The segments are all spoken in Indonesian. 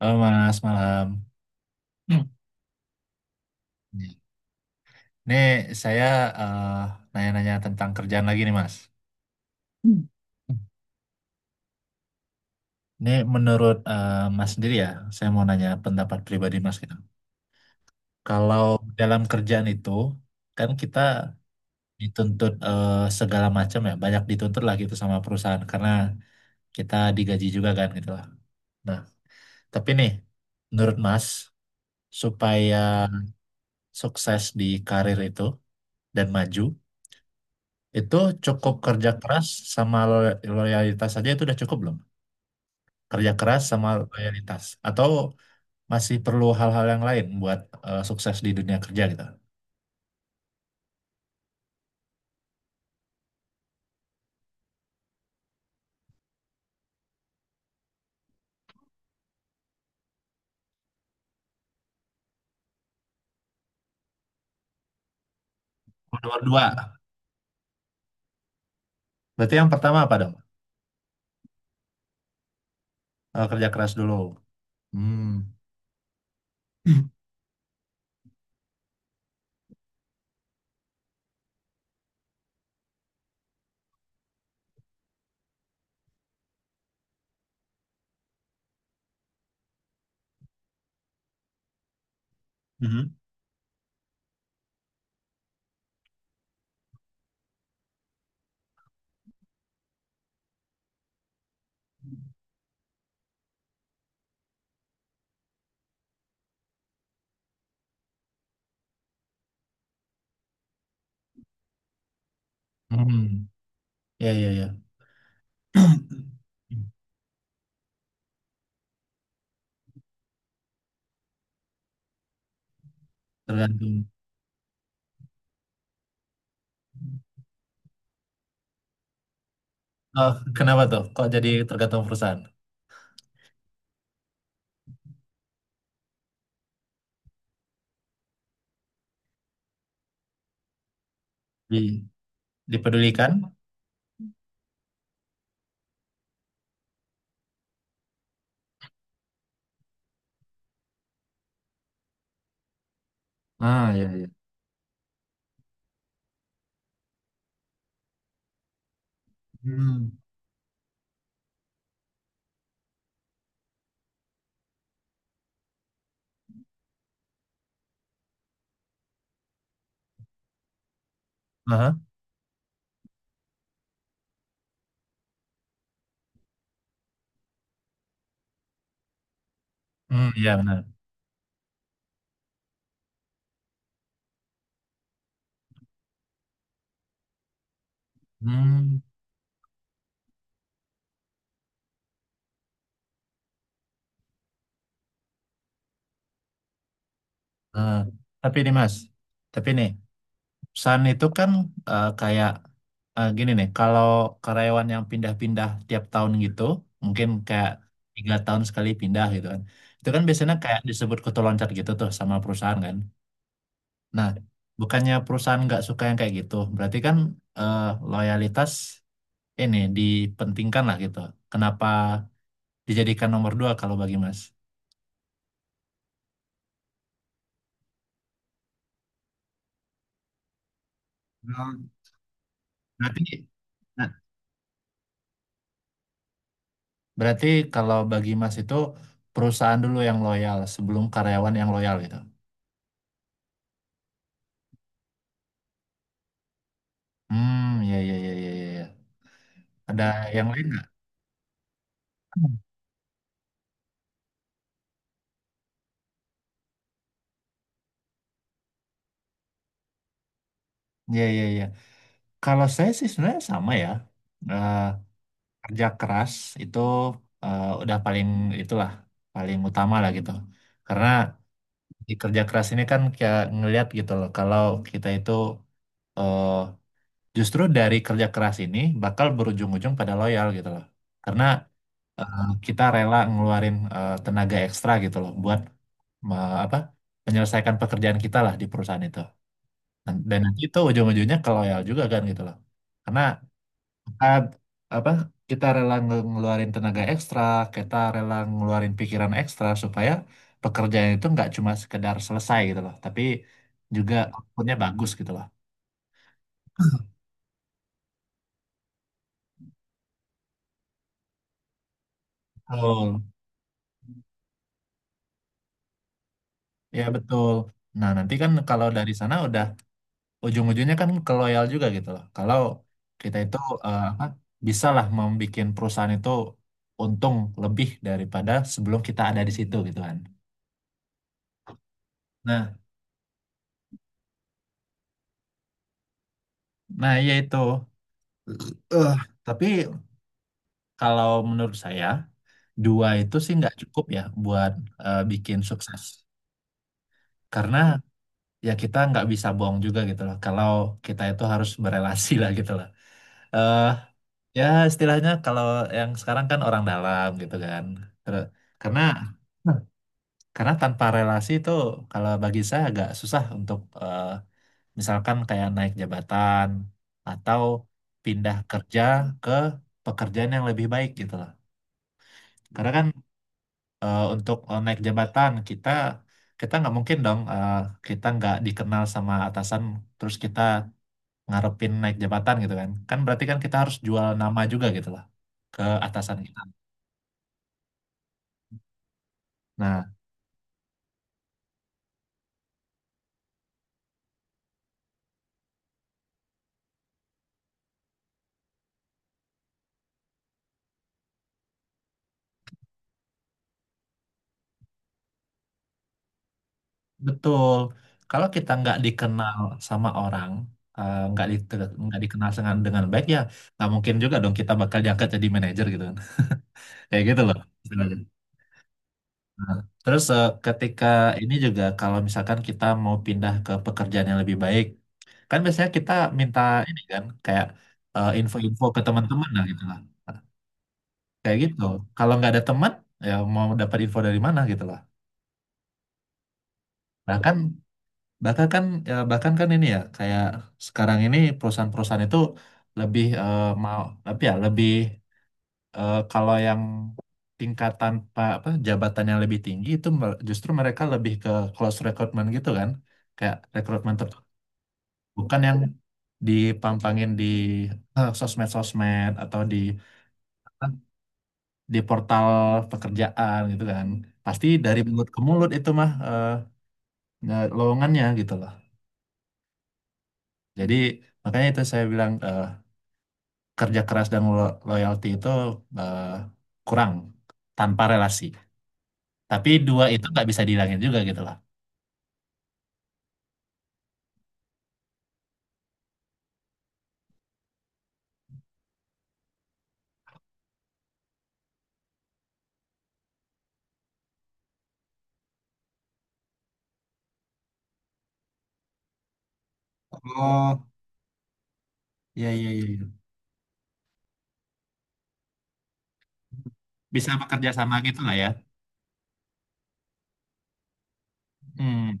Halo Mas, malam. Hmm. Ini saya eh, nanya-nanya tentang kerjaan lagi nih Mas. Hmm. Ini menurut Mas sendiri ya, saya mau nanya pendapat pribadi Mas gitu. Kalau dalam kerjaan itu, kan kita dituntut segala macam ya, banyak dituntut lah gitu sama perusahaan karena kita digaji juga kan gitu lah. Nah, tapi nih, menurut Mas, supaya sukses di karir itu dan maju, itu cukup kerja keras sama loyalitas saja itu udah cukup belum? Kerja keras sama loyalitas atau masih perlu hal-hal yang lain buat sukses di dunia kerja gitu? Nomor dua. Berarti yang pertama apa dong? Eh, kerja keras dulu. Hmm. Mhm. Hmm. Ya ya ya. Tergantung. Oh, kenapa tuh? Kok jadi tergantung perusahaan? Di- Dipedulikan? Ah ya ya. Hmm. Aha. Hmm, ya benar. Hmm. Eh, tapi nih Mas, tapi nih pesan itu kan kayak gini nih, kalau karyawan yang pindah-pindah tiap tahun gitu, mungkin kayak 3 tahun sekali pindah gitu kan, itu kan biasanya kayak disebut kutu loncat gitu tuh sama perusahaan kan. Nah, bukannya perusahaan nggak suka yang kayak gitu, berarti kan eh, loyalitas ini dipentingkan lah gitu. Kenapa dijadikan nomor dua kalau bagi Mas? Nah, berarti Berarti kalau bagi Mas itu perusahaan dulu yang loyal sebelum karyawan yang loyal gitu. Hmm, ya ya ya ya ya. Ada yang lain nggak? Hmm. Ya ya ya. Kalau saya sih sebenarnya sama ya. Eh, Kerja keras itu udah paling itulah paling utama lah gitu. Karena di kerja keras ini kan kayak ngelihat gitu loh kalau kita itu eh, justru dari kerja keras ini bakal berujung-ujung pada loyal gitu loh. Karena kita rela ngeluarin tenaga ekstra gitu loh buat me- apa menyelesaikan pekerjaan kita lah di perusahaan itu dan nanti itu ujung-ujungnya ke loyal juga kan gitu loh karena kita apa kita rela ngeluarin tenaga ekstra kita rela ngeluarin pikiran ekstra supaya pekerjaan itu nggak cuma sekedar selesai gitu loh tapi juga outputnya bagus gitu loh. Betul. Ya betul. Nah nanti kan kalau dari sana udah ujung-ujungnya kan ke loyal juga gitu loh. Kalau kita itu apa bisa lah membuat perusahaan itu untung lebih daripada sebelum kita ada di situ gitu kan. Nah, nah iya itu. Eh, tapi kalau menurut saya dua itu sih nggak cukup ya buat bikin sukses. Karena ya kita nggak bisa bohong juga gitu loh. Kalau kita itu harus berelasi lah gitu loh. eh Ya istilahnya kalau yang sekarang kan orang dalam gitu kan. Terus, karena tanpa relasi itu kalau bagi saya agak susah untuk misalkan kayak naik jabatan atau pindah kerja ke pekerjaan yang lebih baik gitu loh. Karena kan untuk naik jabatan kita kita nggak mungkin dong kita nggak dikenal sama atasan terus kita ngarepin naik jabatan gitu kan. Kan berarti kan kita harus jual nama juga gitu loh ke atasan kita. Nah, betul. Kalau kita nggak dikenal sama orang, eh, nggak di, nggak dikenal dengan baik ya, nggak mungkin juga dong kita bakal diangkat jadi manajer gitu kan. Kayak gitu loh istilahnya. Terus ketika ini juga kalau misalkan kita mau pindah ke pekerjaan yang lebih baik, kan biasanya kita minta ini kan kayak info-info ke teman-teman lah gitu lah. Kayak gitu. Kalau nggak ada teman, ya mau dapat info dari mana gitu lah. Nah kan bahkan kan ya, bahkan kan ini ya kayak sekarang ini perusahaan-perusahaan itu lebih mau tapi ya lebih kalau yang tingkatan apa jabatan yang lebih tinggi itu justru mereka lebih ke close recruitment gitu kan kayak rekrutmen tertutup bukan yang dipampangin di sosmed-sosmed atau di apa, di portal pekerjaan gitu kan pasti dari mulut ke mulut itu mah nah, lowongannya gitu loh jadi makanya itu saya bilang kerja keras dan loyalty itu eh, kurang tanpa relasi. Tapi dua itu nggak bisa dihilangin juga gitu lah. Oh, ya ya ya. Ya. Bisa bekerja sama gitu lah ya. Hmm.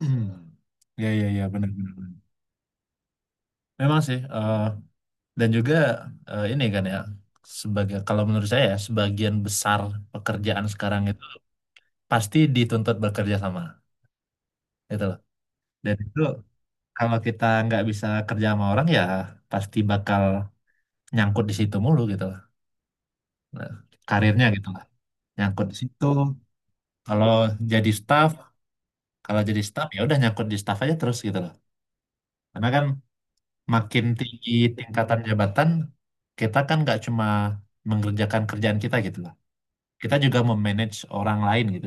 Ya ya ya benar benar. Benar. Memang sih dan juga ini kan ya sebagai kalau menurut saya ya, sebagian besar pekerjaan sekarang itu pasti dituntut bekerja sama gitu loh. Dan itu kalau kita nggak bisa kerja sama orang ya pasti bakal nyangkut di situ mulu gitu loh. Nah, karirnya gitu lah nyangkut di situ kalau jadi staff ya udah nyangkut di staff aja terus gitu loh karena kan makin tinggi tingkatan jabatan kita kan nggak cuma mengerjakan kerjaan kita gitu loh kita juga memanage orang lain gitu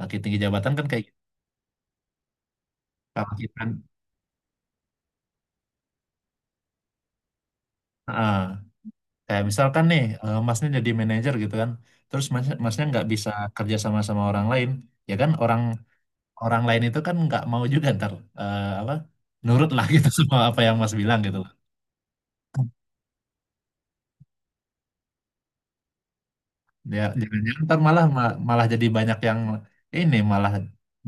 makin tinggi jabatan kan kayak gitu. Kalau kita ah, kayak misalkan nih masnya jadi manajer gitu kan terus masnya nggak bisa kerja sama sama orang lain ya kan orang orang lain itu kan nggak mau juga ntar apa nurut lah gitu semua apa yang Mas bilang gitu loh. Dia jangan ntar malah malah jadi banyak yang ini malah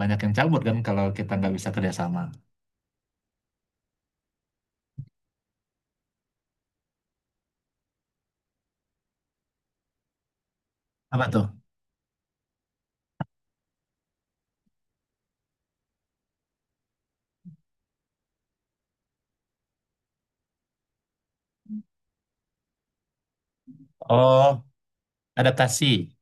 banyak yang cabut kan kalau kita nggak bisa kerjasama. Apa tuh? Oh, adaptasi.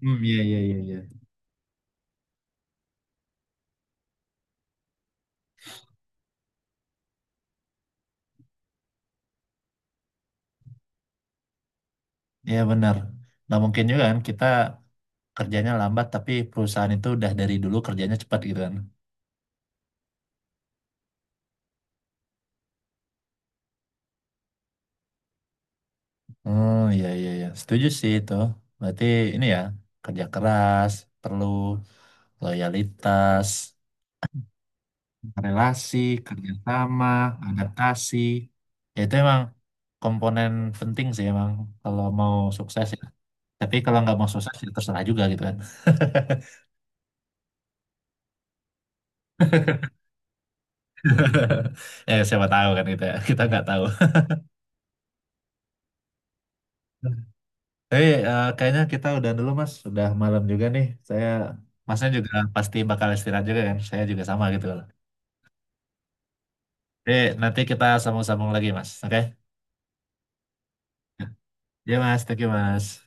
Hmm, iya iya iya iya. Iya benar. Nggak mungkin juga kan kita kerjanya lambat tapi perusahaan itu udah dari dulu kerjanya cepat gitu kan. Oh iya iya iya. Setuju sih itu. Berarti ini ya kerja keras perlu loyalitas relasi, kerjasama, adaptasi. Ya itu emang komponen penting sih emang kalau mau sukses ya. Tapi kalau nggak mau sukses ya terserah juga gitu kan. Eh siapa tahu kan gitu ya. Kita nggak tahu. Tapi kayaknya kita udah dulu mas. Udah malam juga nih. Saya masnya juga pasti bakal istirahat juga kan. Saya juga sama gitu loh. Jadi nanti kita sambung-sambung lagi mas. Oke? Ya mas. Thank you mas.